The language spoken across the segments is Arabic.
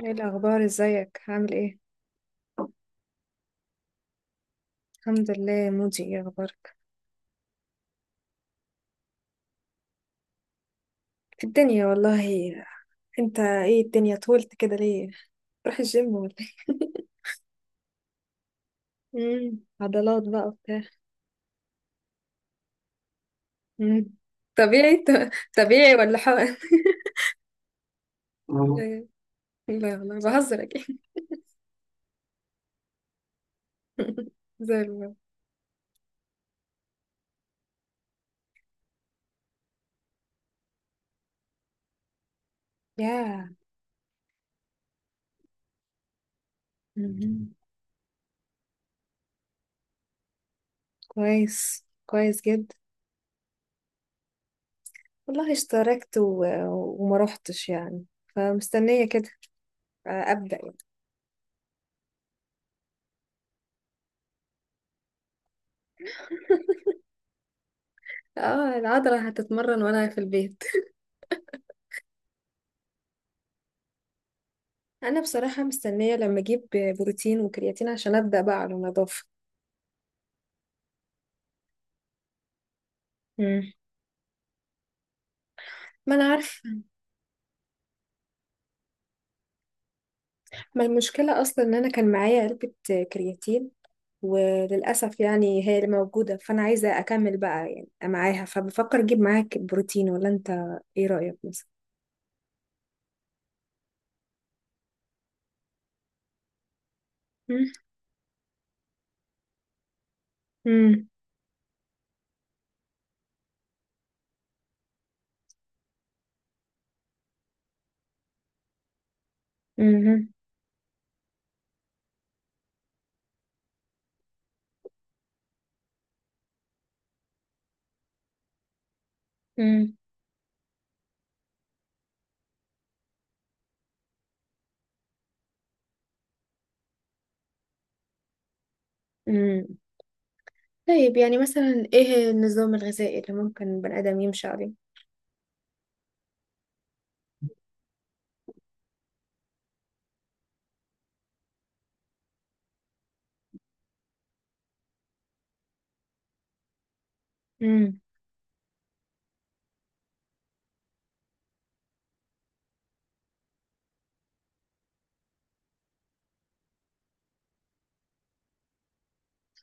ايه الاخبار، ازيك، عامل ايه؟ الحمد لله. مودي، ايه اخبارك؟ في الدنيا والله. انت ايه، الدنيا طولت كده ليه؟ تروح الجيم ولا ايه؟ عضلات بقى وبتاع. مم. طبيعي ط- طبيعي ولا حقن؟ مم. لا والله، بهزر اكيد. زي الفل. يا. مهم. كويس كويس جدا. والله اشتركت و... وما روحتش يعني، فمستنية كده، أبدأ يعني. اه، العضلة هتتمرن وأنا في البيت. انا بصراحه مستنيه لما اجيب بروتين وكرياتين عشان ابدا بقى على نظافه. مم. ما انا عارفه. ما المشكله اصلا ان انا كان معايا علبه كرياتين، وللاسف يعني هي اللي موجوده، فانا عايزه اكمل بقى يعني معاها. فبفكر اجيب معاك بروتين، ولا انت ايه رايك مثلا؟ مم. مم. مم. مم. امم. طيب، يعني مثلا ايه النظام الغذائي اللي ممكن البني ادم يمشي عليه؟ مم.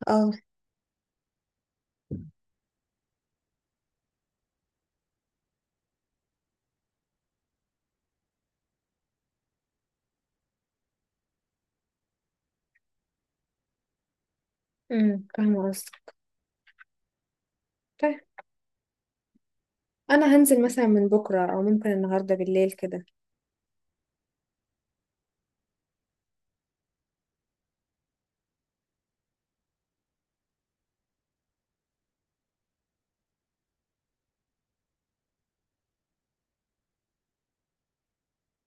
اه. فاهمه قصدك. طيب، انا هنزل مثلا من بكره او ممكن النهارده بالليل كده.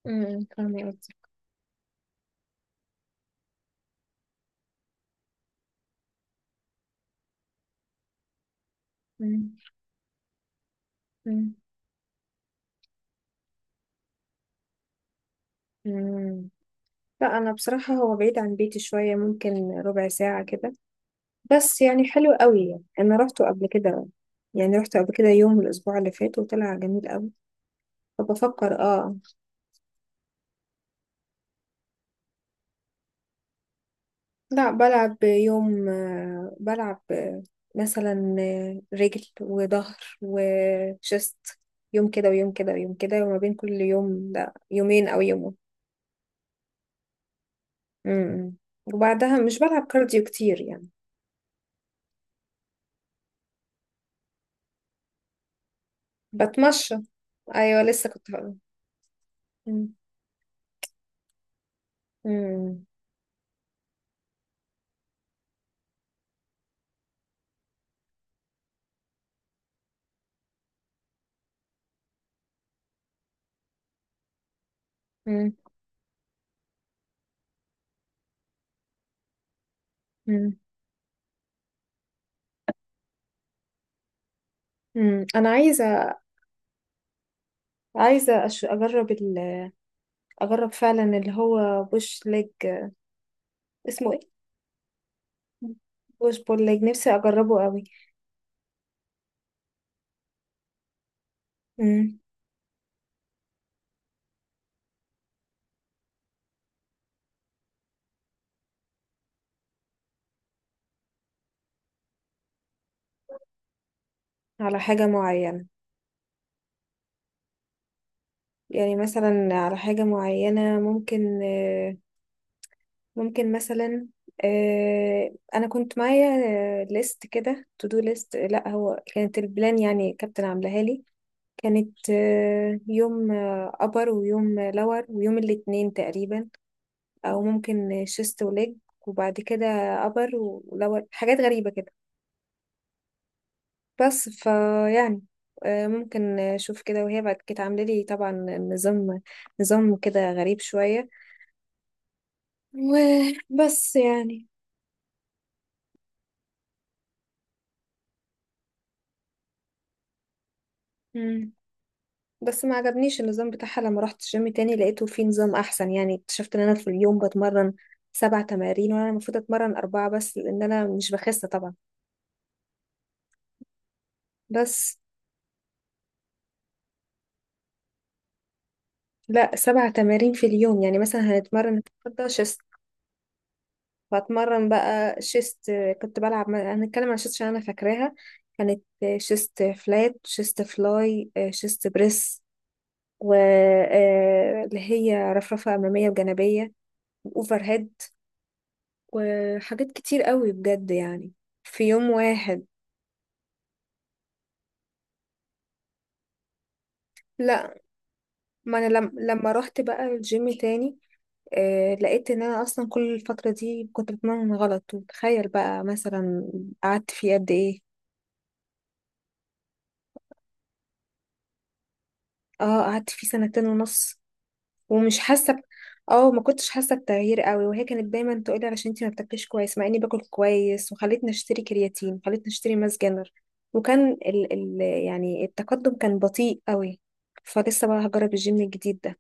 فاهمه قصدي. أمم. أمم. أمم. لا، انا بصراحه هو بعيد عن بيتي شويه، ممكن ربع ساعه كده. بس يعني حلو قوي، يعني انا روحته قبل كده، يعني روحته قبل كده يوم الاسبوع اللي فات وطلع جميل قوي. فبفكر، اه. لا، بلعب يوم، بلعب مثلا رجل وظهر وشست، يوم كده ويوم كده ويوم كده، وما بين كل يوم ده يومين او يوم. امم وبعدها مش بلعب كارديو كتير يعني. بتمشى. ايوه، لسه كنت هقول. مم. مم. مم. مم. مم. انا عايزه. عايزه أش... اجرب ال... اجرب فعلا اللي هو بوش ليج. اسمه ايه؟ بوش بول ليج، نفسي اجربه قوي. مم. على حاجه معينه، يعني مثلا على حاجه معينه، ممكن مثلا انا كنت معايا ليست كده، تو دو ليست. لا، هو كانت البلان يعني كابتن عاملاها لي. كانت يوم ابر، ويوم لور، ويوم الاثنين تقريبا، او ممكن شيست وليج. وبعد كده ابر ولور، حاجات غريبة كده. بس فيعني، ممكن اشوف كده، وهي بعد كده عامله لي طبعا نظام نظام كده غريب شوية. وبس يعني. مم. بس ما عجبنيش النظام بتاعها. لما رحت الجيم تاني، لقيته فيه نظام احسن. يعني اكتشفت ان انا في اليوم بتمرن سبع تمارين، وانا المفروض اتمرن اربعة بس، لان انا مش بخس طبعا. بس. لا، سبع تمارين في اليوم، يعني مثلا هنتمرن النهارده شيست، فاتمرن بقى شيست. كنت بلعب، هنتكلم عن شيست عشان انا فاكراها. كانت شيست فلات، شيست فلاي، شيست بريس، واللي هي رفرفة أمامية وجانبية، اوفر هيد، وحاجات كتير قوي بجد يعني، في يوم واحد. لا، ما انا لم... لما رحت بقى الجيم تاني، لقيت ان انا اصلا كل الفترة دي كنت بتمرن غلط. وتخيل بقى مثلا، قعدت فيه قد ايه؟ اه، قعدت فيه سنتين ونص، ومش حاسة. اه، ما كنتش حاسة بتغيير قوي. وهي كانت دايما تقولي علشان انتي ما بتاكليش كويس، مع اني باكل كويس، وخلتني اشتري كرياتين، وخلتني اشتري ماس جينر. وكان ال... ال... يعني التقدم كان بطيء قوي. فلسه بقى هجرب الجيم الجديد ده.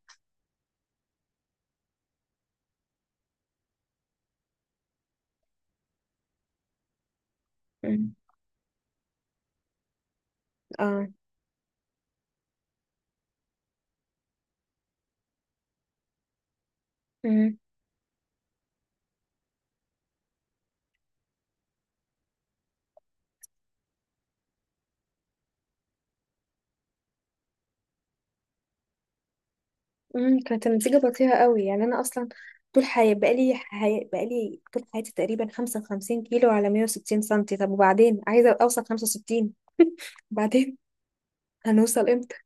مم. اه. مم. مم. كانت النتيجة بطيئة قوي. يعني أنا أصلا طول حياتي بقالي حي... بقالي طول حياتي تقريبا 55 كيلو على 160 سنتي. طب وبعدين عايزة أوصل 65. بعدين هنوصل امتى؟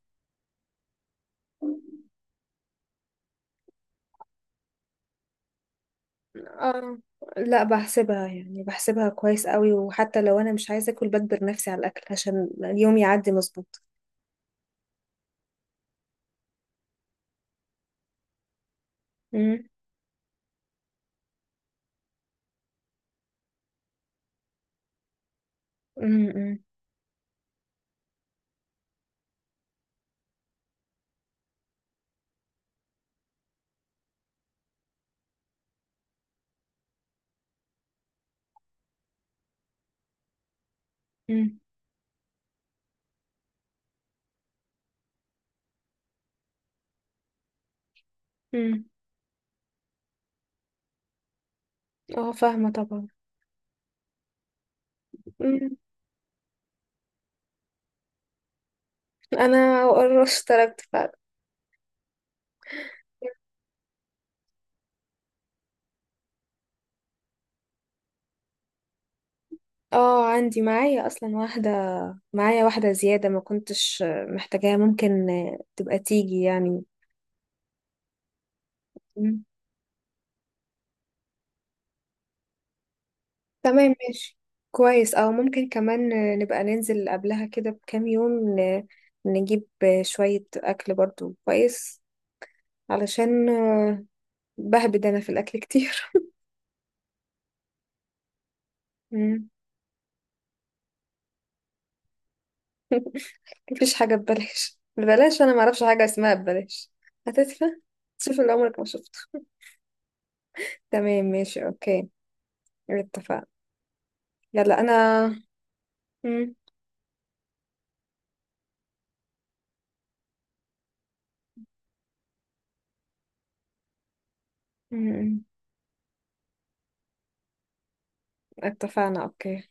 اه. لا، بحسبها، يعني بحسبها كويس قوي. وحتى لو أنا مش عايزة أكل، بجبر نفسي على الأكل عشان اليوم يعدي مظبوط. مم. مم. مم. مم. مم. اه، فاهمة طبعا. مم. أنا اشتركت فعلا. اه، عندي، معايا اصلا واحده. معايا واحدة زيادة، ما كنتش محتاجاها، ممكن تبقى تيجي يعني. مم. تمام ماشي. كويس، أو ممكن كمان نبقى ننزل قبلها كده بكام يوم، ن- نجيب شوية أكل برضو كويس، علشان بهبد أنا في الأكل كتير. مم. مفيش حاجة ببلاش. ببلاش؟ أنا معرفش حاجة اسمها ببلاش. هتدفع، شوف اللي عمرك ما شفته. تمام، ماشي، أوكي. اتفقنا. يلا، أنا. مم. مم. اتفقنا، أوكي.